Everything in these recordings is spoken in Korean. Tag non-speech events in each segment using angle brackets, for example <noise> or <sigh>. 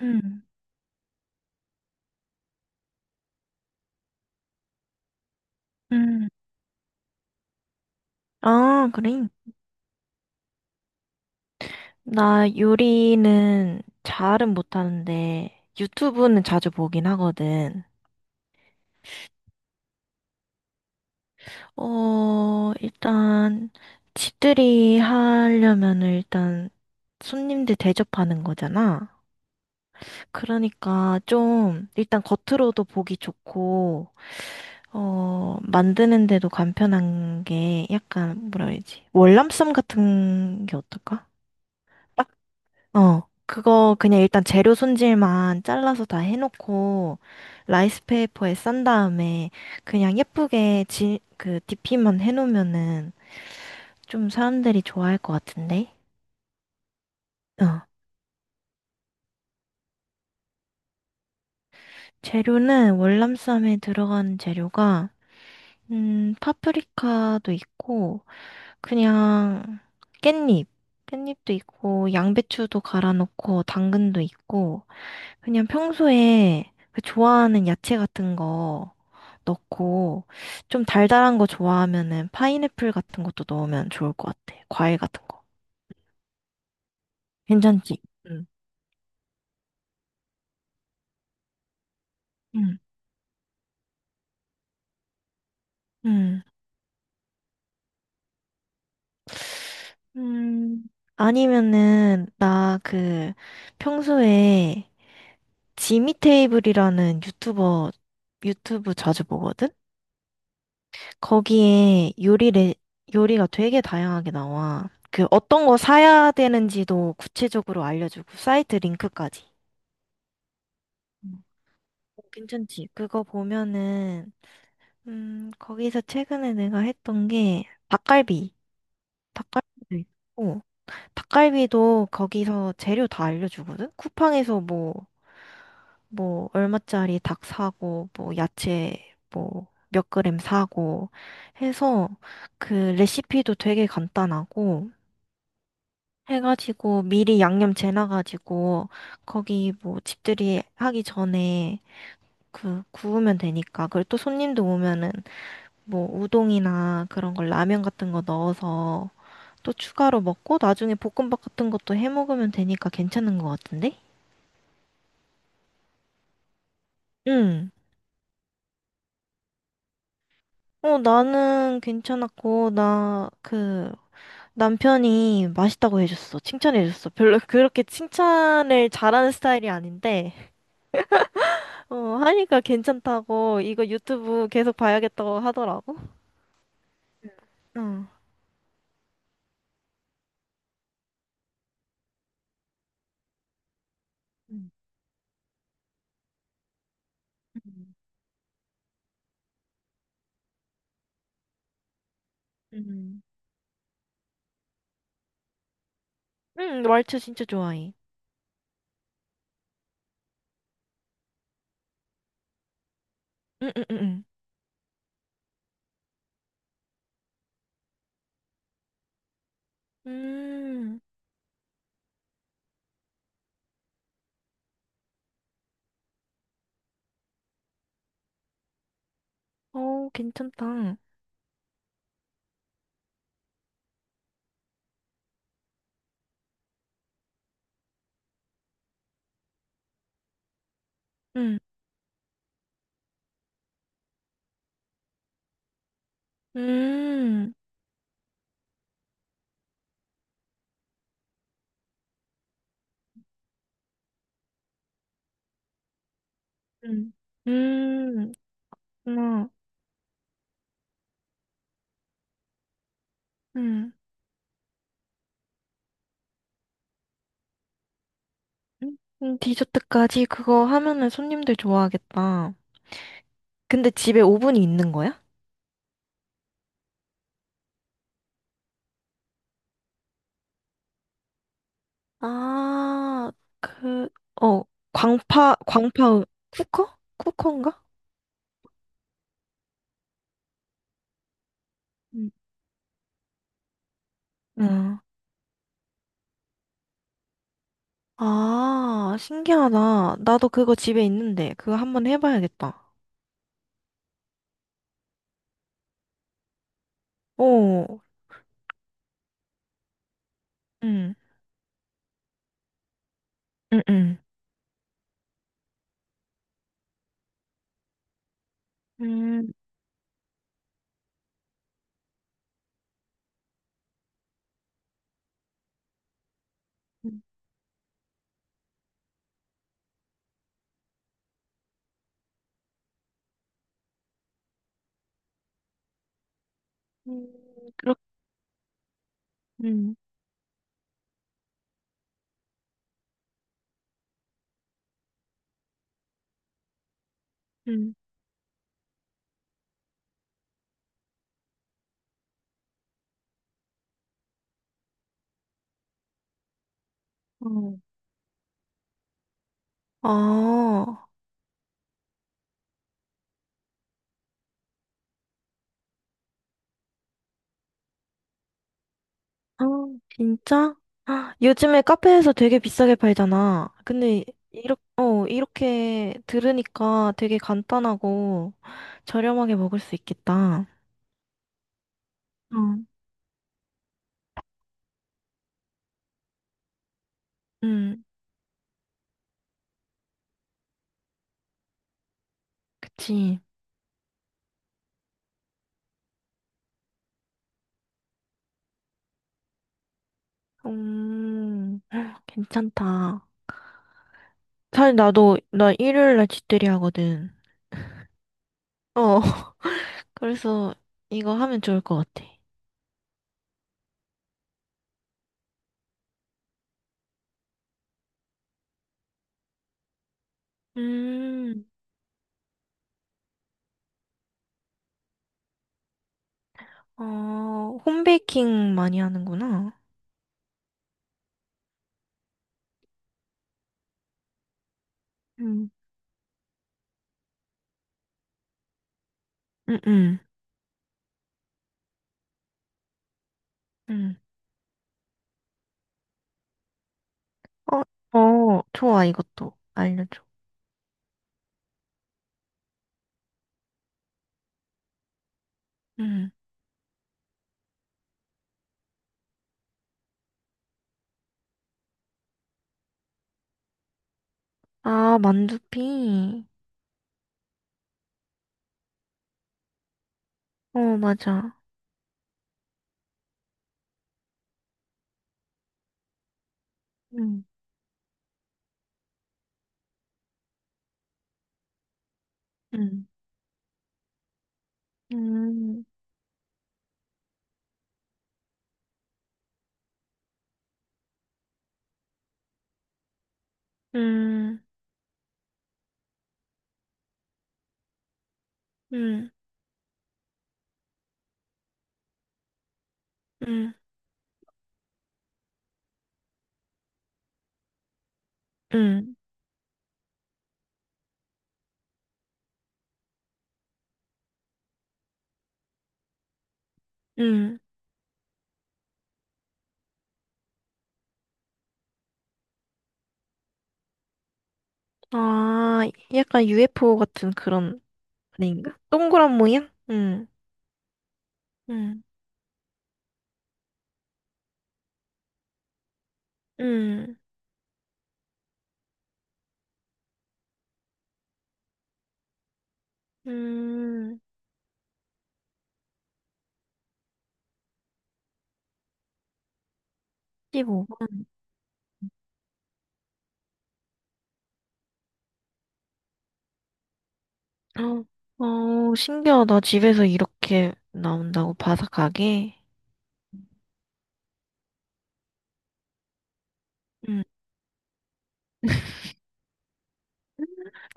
음, 음. 아, 그래. 나 요리는 잘은 못하는데 유튜브는 자주 보긴 하거든. 일단 집들이 하려면은 일단 손님들 대접하는 거잖아. 그러니까 좀 일단 겉으로도 보기 좋고 만드는데도 간편한 게 약간 뭐라 해야지? 월남쌈 같은 게 어떨까? 그거 그냥 일단 재료 손질만 잘라서 다 해놓고 라이스페이퍼에 싼 다음에 그냥 예쁘게 그 디피만 해놓으면은 좀 사람들이 좋아할 것 같은데? 어, 재료는 월남쌈에 들어가는 재료가 파프리카도 있고 그냥 깻잎, 깻잎도 있고 양배추도 갈아 넣고 당근도 있고 그냥 평소에 그 좋아하는 야채 같은 거 넣고 좀 달달한 거 좋아하면은 파인애플 같은 것도 넣으면 좋을 것 같아. 과일 같은 거. 괜찮지? 응. 응. 응. 음. 아니면은 나 그 평소에 지미 테이블이라는 유튜버 유튜브 자주 보거든? 거기에 요리가 되게 다양하게 나와. 그 어떤 거 사야 되는지도 구체적으로 알려주고 사이트 링크까지. 음. 괜찮지? 그거 보면은 거기서 최근에 내가 했던 게 닭갈비. 닭갈비도 있고 닭갈비도 거기서 재료 다 알려주거든. 쿠팡에서 뭐 뭐 얼마짜리 닭 사고 뭐 야채 뭐 몇 그램 사고 해서 그 레시피도 되게 간단하고 해가지고 미리 양념 재놔가지고 거기 뭐 집들이 하기 전에 그 구우면 되니까 그리고 또 손님도 오면은 뭐 우동이나 그런 걸 라면 같은 거 넣어서 또 추가로 먹고 나중에 볶음밥 같은 것도 해 먹으면 되니까 괜찮은 것 같은데? 응. 나는 괜찮았고 나 그 남편이 맛있다고 해줬어. 칭찬해줬어. 별로 그렇게 칭찬을 잘하는 스타일이 아닌데 하니까 괜찮다고 이거 유튜브 계속 봐야겠다고 하더라고. 응. 음, 음, 음. 응, 왈츠 진짜 좋아해. 응, 응, 응, 응. 괜찮다. 응, 음, 음. 음, 음, 음. 디저트까지 그거 하면은 손님들 좋아하겠다. 근데 집에 오븐이 있는 거야? 아, 그, 어, 광파, 쿠커인가? 응 응. 아, 신기하다. 나도 그거 집에 있는데, 그거 한번 해봐야겠다. 오, 응, 응, 응. 음, 음, 음, 그렇, 음, 음, 어. 아, 아, 진짜? 아, 요즘에 카페에서 되게 비싸게 팔잖아. 근데, 이렇게 들으니까 되게 간단하고 저렴하게 먹을 수 있겠다. 어. 응, 그치. 음, 괜찮다. 사실 나도 나 일요일 날 집들이 하거든. 어, <laughs> 그래서 이거 하면 좋을 것 같아. 음, 홈베이킹 많이 하는구나. 음, 음, 음, 음. 어, 어, 좋아, 이것도 알려줘. 음. 아, 만두피. 어, 맞아. 음, 음, 음, 음, 음, 음, 음, 음. 아, 약간 UFO 같은 그런 아닌가? 동그란 모양? 음. 음, 음, 15분. 어, 어, 신기하다. 집에서 이렇게 나온다고 바삭하게. 음,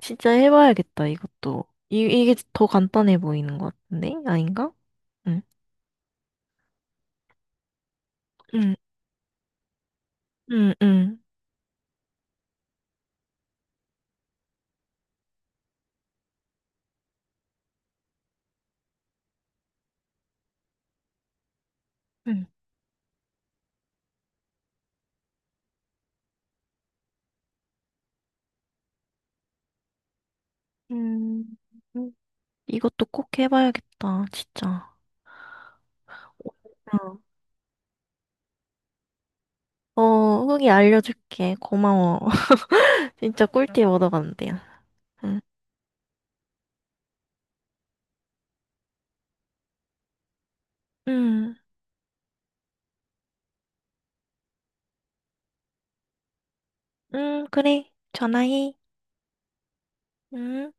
진짜 해봐야겠다, 이것도. 이게 더 간단해 보이는 것 같은데? 아닌가? 응, 응, 응, 응, 응. 음, 음. 이것도 꼭 해봐야겠다, 진짜. 어, 어, 후기 알려줄게. 고마워. <laughs> 진짜 꿀팁 얻어간대요. 응, 응, 응, 그래. 전화해. 응.